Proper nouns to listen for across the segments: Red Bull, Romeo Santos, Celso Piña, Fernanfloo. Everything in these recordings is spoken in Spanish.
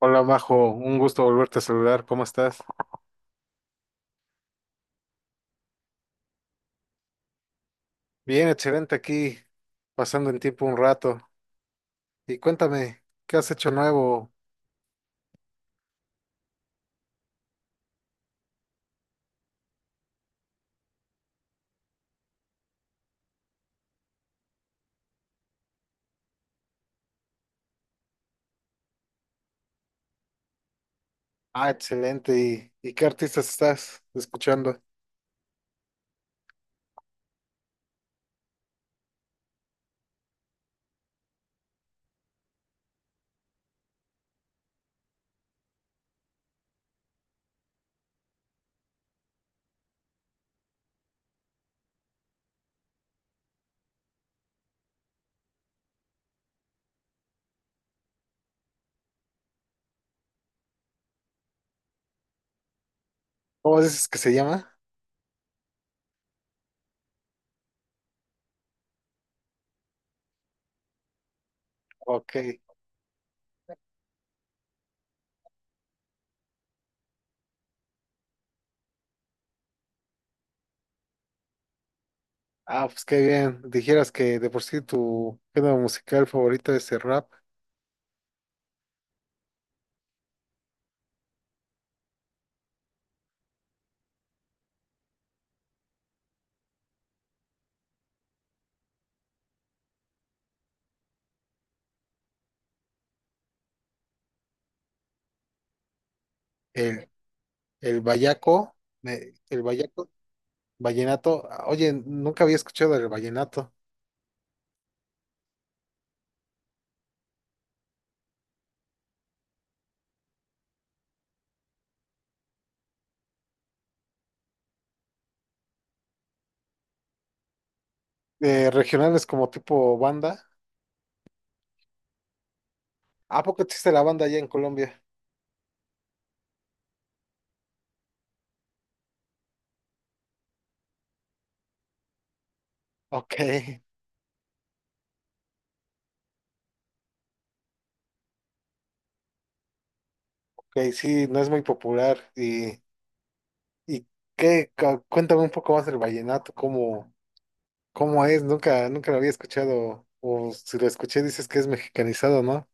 Hola, Majo, un gusto volverte a saludar. ¿Cómo estás? Bien, excelente aquí, pasando en tiempo un rato. Y cuéntame, ¿qué has hecho nuevo? Ah, excelente. ¿Y qué artistas estás escuchando? ¿Cómo dices que se llama? Ok. Ah, pues qué bien. Dijeras que de por sí tu género musical favorito es el rap, el, el vallaco, el vallenato. Ah, oye, nunca había escuchado el vallenato. Regionales como tipo banda. ¿A poco existe la banda allá en Colombia? Ok, ok, sí, no es muy popular. Y Cuéntame un poco más del vallenato, cómo es, nunca lo había escuchado, o si lo escuché dices que es mexicanizado, ¿no?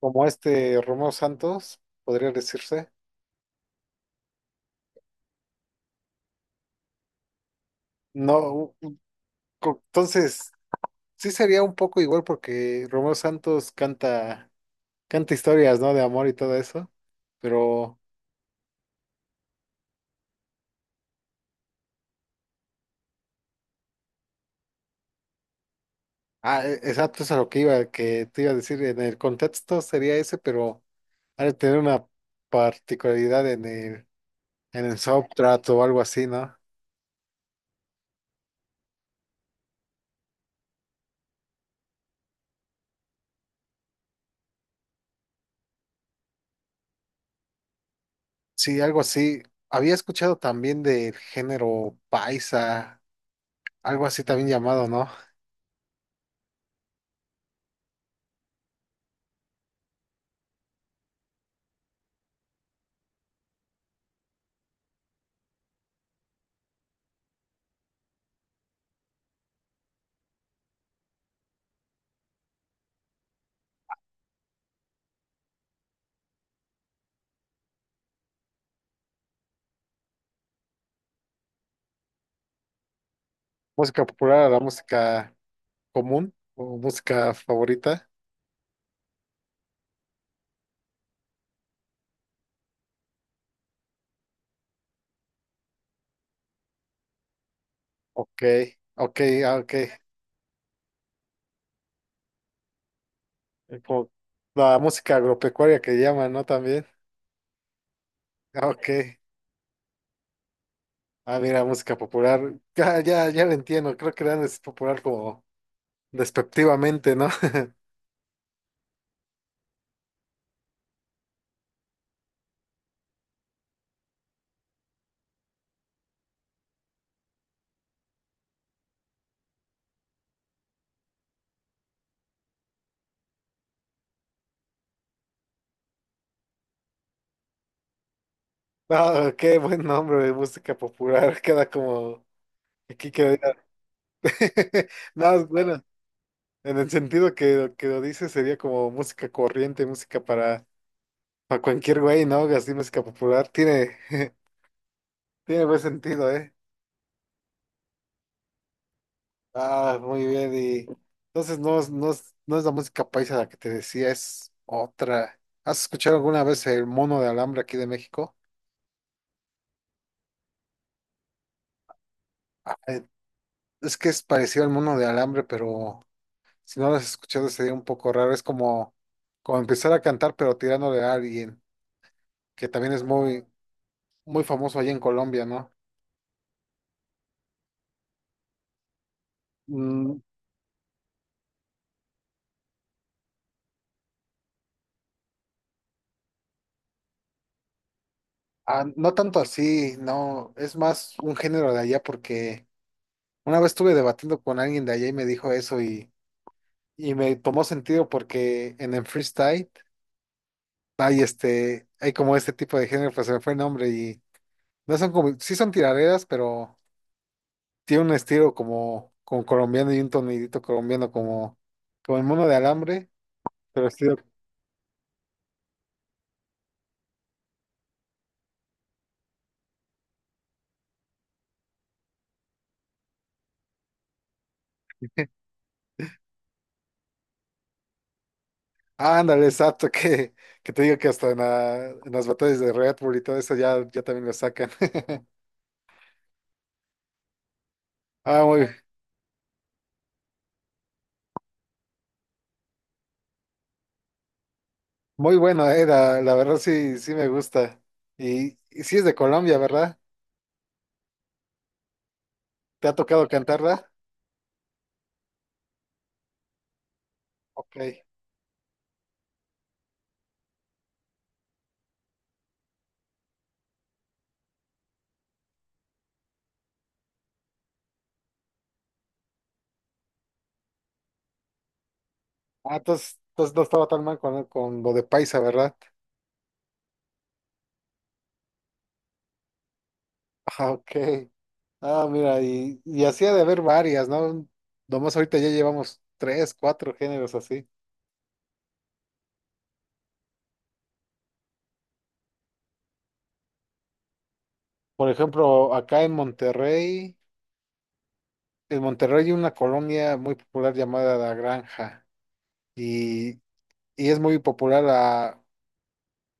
Como este Romeo Santos, podría decirse. No, u- u- co- Entonces, sí sería un poco igual porque Romeo Santos canta historias, ¿no? De amor y todo eso, pero, ah, exacto, eso es a lo que iba, que te iba a decir, en el contexto sería ese, pero... Ha de tener una particularidad en en el soundtrack o algo así, ¿no? Sí, algo así. Había escuchado también del género paisa, algo así también llamado, ¿no? Música popular, la música común o música favorita. Ok, ok, ah, ok. Como la música agropecuaria que llaman, ¿no? También. Ah, ok. Ah, mira, música popular. Ya lo entiendo. Creo que dan es popular como despectivamente, ¿no? No, qué buen nombre de música popular, queda como aquí queda. No, bueno, en el sentido que lo dice sería como música corriente, para cualquier güey, ¿no? Así música popular, tiene, tiene buen sentido, ¿eh? Ah, muy bien, y entonces no es la música paisa la que te decía, es otra. ¿Has escuchado alguna vez el mono de alambre aquí de México? Eh, Es que es parecido al mono de alambre, pero si no lo has escuchado, sería un poco raro. Es como, como empezar a cantar, pero tirándole a alguien, que también es muy famoso allá en Colombia, ¿no? Mm, ah, no tanto así, no, es más un género de allá, porque una vez estuve debatiendo con alguien de allá y me dijo eso y me tomó sentido porque en el freestyle hay hay como este tipo de género, pues se me fue el nombre y no son como, sí son tiraderas, pero tiene un estilo como, como colombiano y un tonidito colombiano como, como el mono de alambre, pero estilo... Ah, ándale, exacto, que te digo que hasta en las batallas de Red Bull y todo eso ya también lo sacan. Ah, muy bueno, la verdad sí, sí me gusta. Y sí es de Colombia, ¿verdad? ¿Te ha tocado cantarla? Ok. Ah, entonces no estaba tan mal con lo de Paisa, ¿verdad? Ah, ok. Ah, mira, y así ha de haber varias, ¿no? Nomás ahorita ya llevamos tres, cuatro géneros así. Por ejemplo, acá en Monterrey, En Monterrey hay una colonia muy popular llamada La Granja y, y es muy popular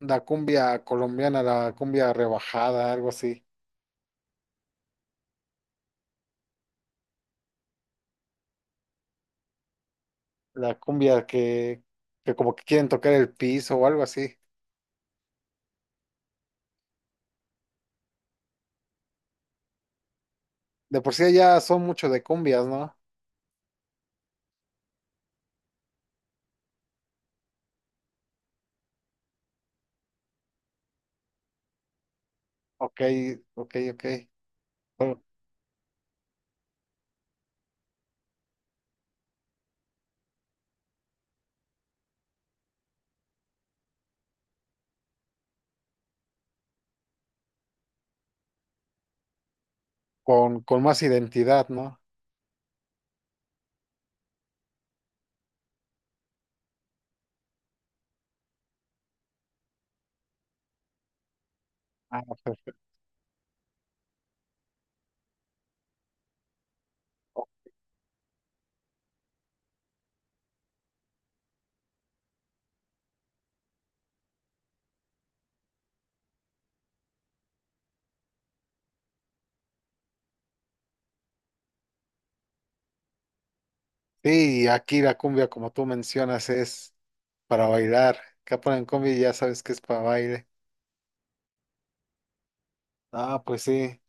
la cumbia colombiana, la cumbia rebajada, algo así. La cumbia que, que como que quieren tocar el piso o algo así. De por sí ya son mucho de cumbias, ¿no? Ok, ok. Con, con con más identidad, ¿no? Ah, ok. Sí, aquí la cumbia, como tú mencionas, es para bailar. Acá ponen cumbia y ya sabes que es para baile. Ah, pues sí.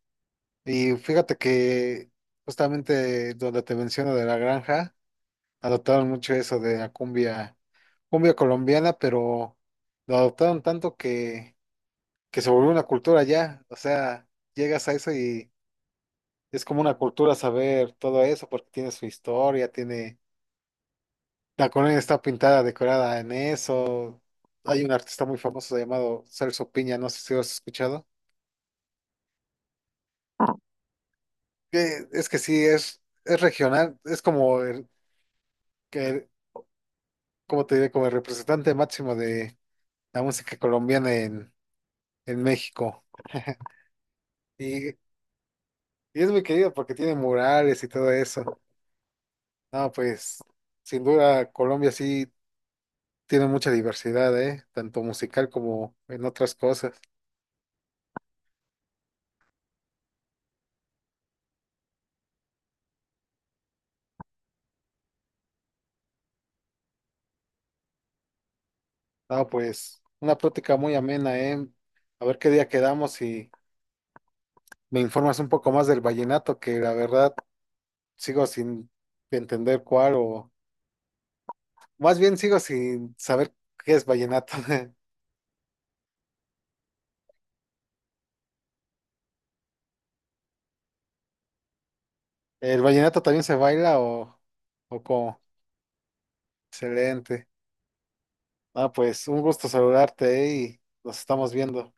Y fíjate que justamente donde te menciono de la granja, adoptaron mucho eso de la cumbia, cumbia colombiana, pero lo adoptaron tanto que se volvió una cultura ya. O sea, llegas a eso y es como una cultura saber todo eso, porque tiene su historia, tiene la colonia está pintada, decorada en eso. Hay un artista muy famoso llamado Celso Piña, no sé si lo has escuchado. Ah, que es que sí, es regional, es como que, como te diré, como el representante máximo de la música colombiana en México. Y es muy querido porque tiene murales y todo eso. No, pues, sin duda, Colombia sí tiene mucha diversidad, ¿eh? Tanto musical como en otras cosas. Ah, pues una plática muy amena, ¿eh? A ver qué día quedamos y me informas un poco más del vallenato, que la verdad sigo sin entender cuál o más bien sigo sin saber qué es vallenato. ¿El vallenato también se baila o cómo? Excelente. Ah, pues un gusto saludarte, ¿eh? Y nos estamos viendo.